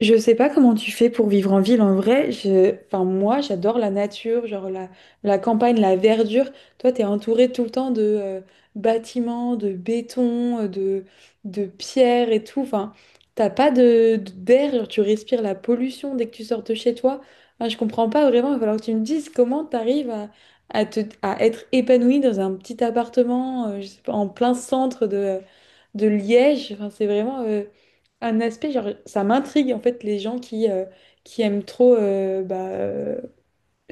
Je sais pas comment tu fais pour vivre en ville en vrai. Enfin, moi, j'adore la nature, genre la campagne, la verdure. Toi, t'es entouré tout le temps de bâtiments, de béton, de pierres et tout. Enfin, t'as pas de d'air, genre, tu respires la pollution dès que tu sors de chez toi. Enfin, je comprends pas vraiment. Il va falloir que tu me dises comment t'arrives à être épanoui dans un petit appartement, je sais pas, en plein centre de Liège. Enfin, c'est vraiment un aspect, genre, ça m'intrigue en fait les gens qui aiment trop, bah,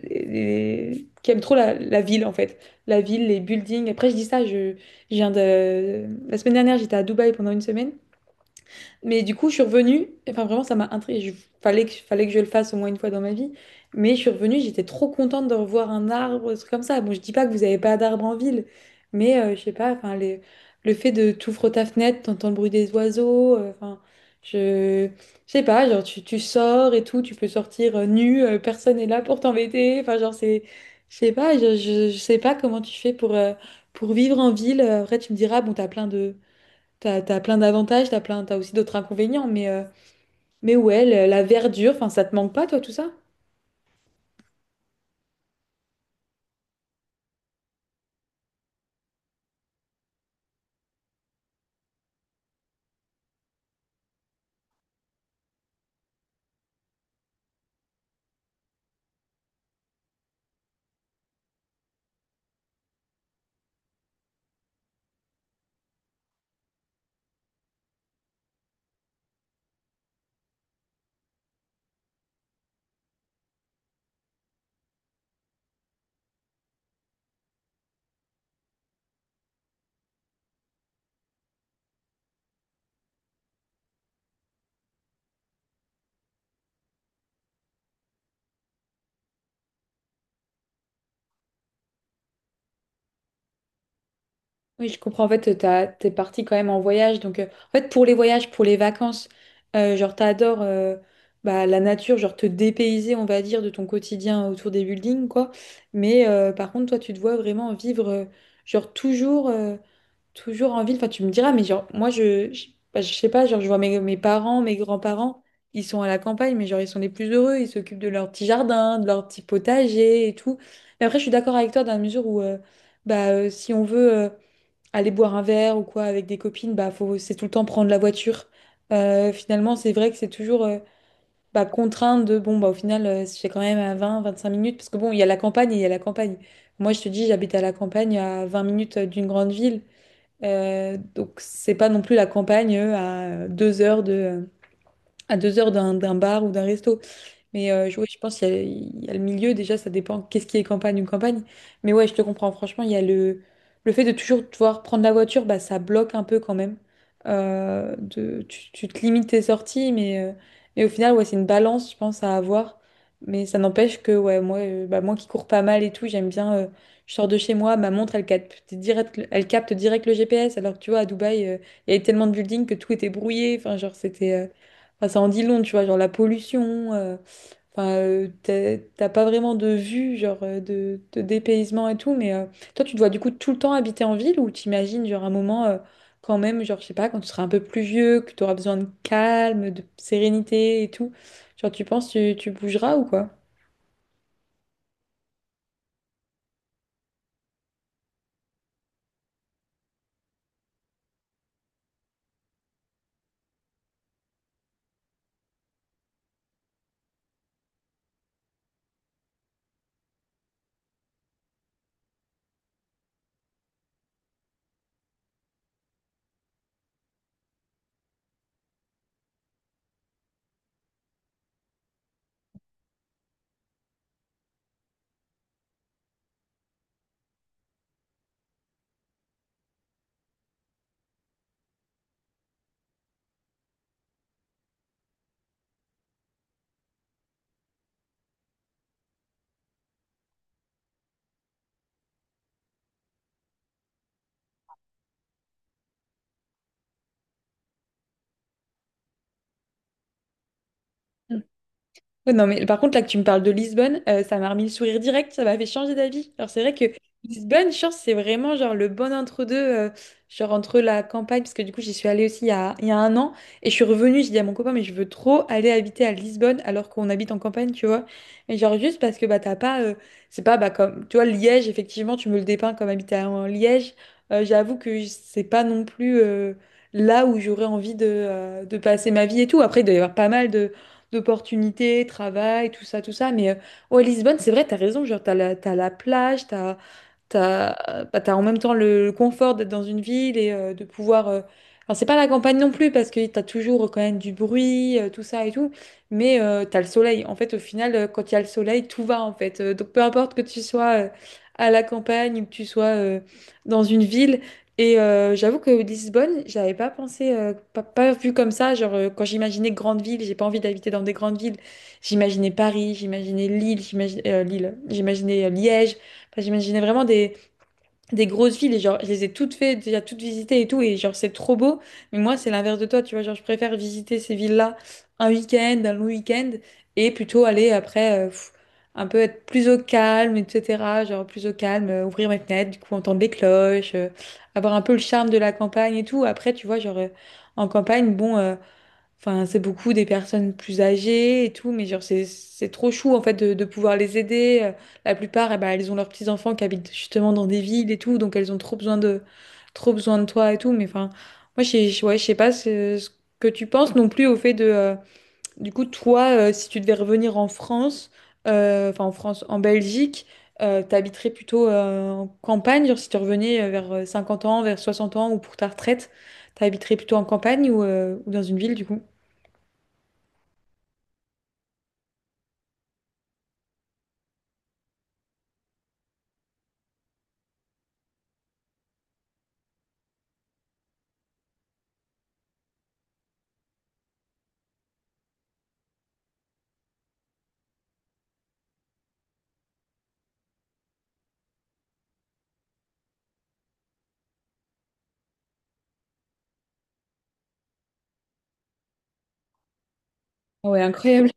les- qui aiment trop la ville en fait. La ville, les buildings. Après, je dis ça, La semaine dernière, j'étais à Dubaï pendant une semaine. Mais du coup, je suis revenue. Enfin, vraiment, ça m'a intriguée. Fallait que je le fasse au moins une fois dans ma vie. Mais je suis revenue, j'étais trop contente de revoir un arbre, un truc comme ça. Bon, je dis pas que vous avez pas d'arbres en ville, mais je sais pas, enfin, le fait de t'ouvres ta fenêtre, t'entends le bruit des oiseaux, enfin, je, je sais pas, genre, tu sors et tout, tu peux sortir nu, personne est là pour t'embêter. Enfin, genre, je sais pas, je sais pas comment tu fais pour vivre en ville. Après, tu me diras, bon, t'as plein d'avantages, t'as aussi d'autres inconvénients, mais ouais, la verdure, enfin, ça te manque pas, toi, tout ça? Oui, je comprends. En fait, t'es parti quand même en voyage. Donc, en fait, pour les voyages, pour les vacances, genre, t'adores bah, la nature, genre, te dépayser, on va dire, de ton quotidien autour des buildings, quoi. Mais par contre, toi, tu te vois vraiment vivre, genre, Toujours en ville, enfin tu me diras, mais genre moi bah, je sais pas, genre je vois mes parents, mes grands-parents, ils sont à la campagne, mais genre ils sont les plus heureux, ils s'occupent de leur petit jardin, de leur petit potager et tout. Mais après je suis d'accord avec toi dans la mesure où si on veut aller boire un verre ou quoi avec des copines, bah faut c'est tout le temps prendre la voiture. Finalement c'est vrai que c'est toujours bah, contraint de bon bah au final c'est quand même à 20, 25 minutes, parce que bon il y a la campagne et il y a la campagne. Moi je te dis j'habite à la campagne à 20 minutes d'une grande ville. Donc c'est pas non plus la campagne à 2 heures à 2 heures d'un bar ou d'un resto. Mais ouais, je pense qu'il y a le milieu, déjà, ça dépend qu'est-ce qui est campagne ou campagne. Mais ouais, je te comprends, franchement, il y a le fait de toujours devoir prendre la voiture, bah, ça bloque un peu quand même. Tu te limites tes sorties, mais au final, ouais, c'est une balance, je pense, à avoir. Mais ça n'empêche que ouais, moi, moi qui cours pas mal et tout, j'aime bien, je sors de chez moi, ma montre, elle capte direct le GPS, alors que tu vois, à Dubaï, il y avait tellement de buildings que tout était brouillé. Enfin, genre, enfin, ça en dit long, tu vois, genre la pollution. Enfin, t'as pas vraiment de vue, genre de dépaysement et tout, mais toi, tu dois du coup tout le temps habiter en ville ou t'imagines, genre un moment quand même, genre je sais pas, quand tu seras un peu plus vieux, que tu auras besoin de calme, de sérénité et tout, genre tu penses tu bougeras ou quoi? Ouais, non, mais par contre, là que tu me parles de Lisbonne, ça m'a remis le sourire direct, ça m'a fait changer d'avis. Alors, c'est vrai que Lisbonne, je c'est vraiment genre le bon entre-deux, genre entre la campagne, parce que du coup, j'y suis allée aussi il y a un an, et je suis revenue, j'ai dit à mon copain, mais je veux trop aller habiter à Lisbonne alors qu'on habite en campagne, tu vois. Et genre, juste parce que bah, t'as pas, c'est pas bah, comme, tu vois, Liège, effectivement, tu me le dépeins comme en Liège. J'avoue que c'est pas non plus là où j'aurais envie de passer ma vie et tout. Après, il doit y avoir pas mal de d'opportunités, travail, tout ça, tout ça. Mais ouais, Lisbonne, c'est vrai, t'as raison, genre, t'as la plage, T'as, bah, t'as en même temps le confort d'être dans une ville et de pouvoir. Alors, c'est pas la campagne non plus parce que t'as toujours quand même du bruit, tout ça et tout, mais t'as le soleil. En fait, au final, quand il y a le soleil, tout va en fait. Donc, peu importe que tu sois à la campagne ou que tu sois dans une ville. Et j'avoue que Lisbonne, j'avais pas pensé, pas vu comme ça. Genre, quand j'imaginais grande ville, j'ai pas envie d'habiter dans des grandes villes. J'imaginais Paris, j'imaginais Lille, j'imaginais Liège. Enfin, j'imaginais vraiment des grosses villes et genre, je les ai toutes faites, déjà toutes visitées et tout, et genre, c'est trop beau. Mais moi, c'est l'inverse de toi, tu vois. Genre, je préfère visiter ces villes-là un week-end, un long week-end, et plutôt aller après, un peu être plus au calme, etc. Genre, plus au calme, ouvrir mes fenêtres, du coup, entendre les cloches, avoir un peu le charme de la campagne et tout. Après, tu vois, genre, en campagne, bon. Enfin, c'est beaucoup des personnes plus âgées et tout, mais genre, c'est trop chou, en fait, de pouvoir les aider. La plupart, eh ben, elles ont leurs petits-enfants qui habitent justement dans des villes et tout, donc elles ont trop besoin de toi et tout. Mais enfin, moi, ouais, je sais pas ce que tu penses non plus au fait de, du coup, toi, si tu devais revenir en France, enfin, en France, en Belgique, t'habiterais plutôt en campagne, genre, si tu revenais vers 50 ans, vers 60 ans ou pour ta retraite, t'habiterais plutôt en campagne ou dans une ville, du coup? Ah, ouais, incroyable.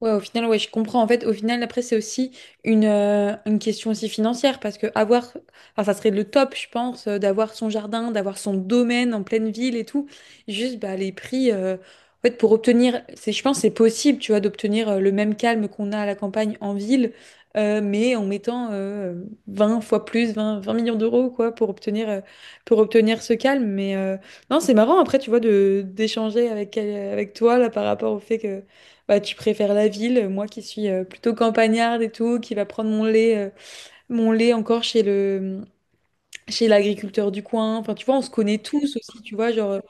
Ouais, au final, ouais, je comprends. En fait, au final, après, c'est aussi une question aussi financière parce que avoir, enfin, ça serait le top, je pense, d'avoir son jardin, d'avoir son domaine en pleine ville et tout. Juste, bah, les prix, en fait, pour obtenir, c'est, je pense, que c'est possible, tu vois, d'obtenir le même calme qu'on a à la campagne en ville, mais en mettant 20 fois plus, vingt millions d'euros, quoi, pour obtenir ce calme. Mais non, c'est marrant, après, tu vois, de d'échanger avec, avec toi, là, par rapport au fait que bah, tu préfères la ville, moi qui suis plutôt campagnarde et tout, qui va prendre mon lait, encore chez chez l'agriculteur du coin. Enfin, tu vois, on se connaît tous aussi, tu vois, genre,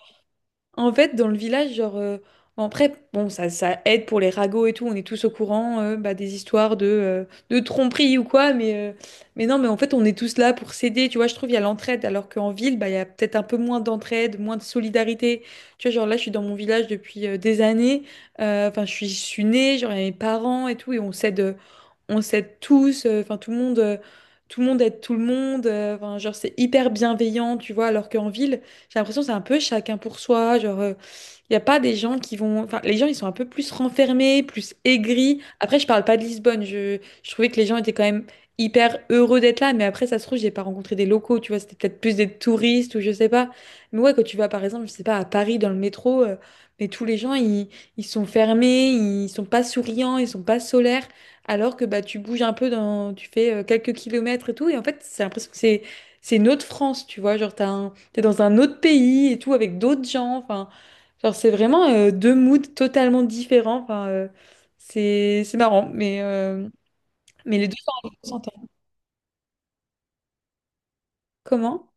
en fait, dans le village, genre, bon, après, bon, ça aide pour les ragots et tout, on est tous au courant bah, des histoires de tromperie ou quoi, mais non, mais en fait, on est tous là pour s'aider, tu vois, je trouve, il y a l'entraide, alors qu'en ville, bah, il y a peut-être un peu moins d'entraide, moins de solidarité. Tu vois, genre là, je suis dans mon village depuis des années, enfin, je suis née, genre, il y a mes parents et tout, et on s'aide tous, enfin tout le monde aide tout le monde, enfin genre c'est hyper bienveillant, tu vois, alors qu'en ville, j'ai l'impression que c'est un peu chacun pour soi, genre il n'y a pas des gens qui vont, enfin les gens ils sont un peu plus renfermés, plus aigris. Après je parle pas de Lisbonne, je trouvais que les gens étaient quand même hyper heureux d'être là, mais après ça se trouve j'ai pas rencontré des locaux, tu vois, c'était peut-être plus des touristes ou je sais pas. Mais ouais quand tu vas par exemple, je sais pas à Paris dans le métro, mais tous les gens ils sont fermés, ils sont pas souriants, ils sont pas solaires alors que bah, tu bouges un peu dans, tu fais quelques kilomètres et tout, et en fait, c'est l'impression que c'est une autre France, tu vois, genre t'es dans un autre pays et tout avec d'autres gens, enfin, genre c'est vraiment deux moods totalement différents, enfin, c'est marrant, mais mais les deux sont s'entendent. Comment?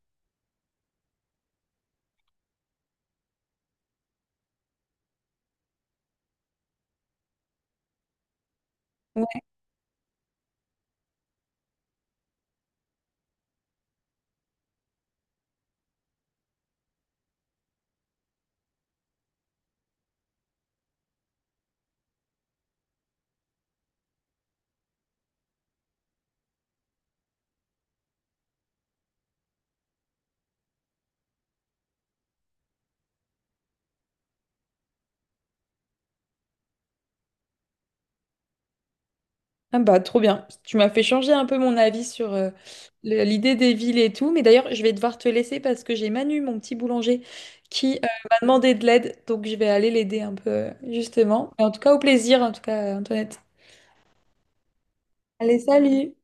Ah bah trop bien. Tu m'as fait changer un peu mon avis sur l'idée des villes et tout. Mais d'ailleurs, je vais devoir te laisser parce que j'ai Manu, mon petit boulanger, qui m'a demandé de l'aide. Donc je vais aller l'aider un peu, justement. Mais en tout cas, au plaisir, en tout cas, Antoinette. Allez, salut!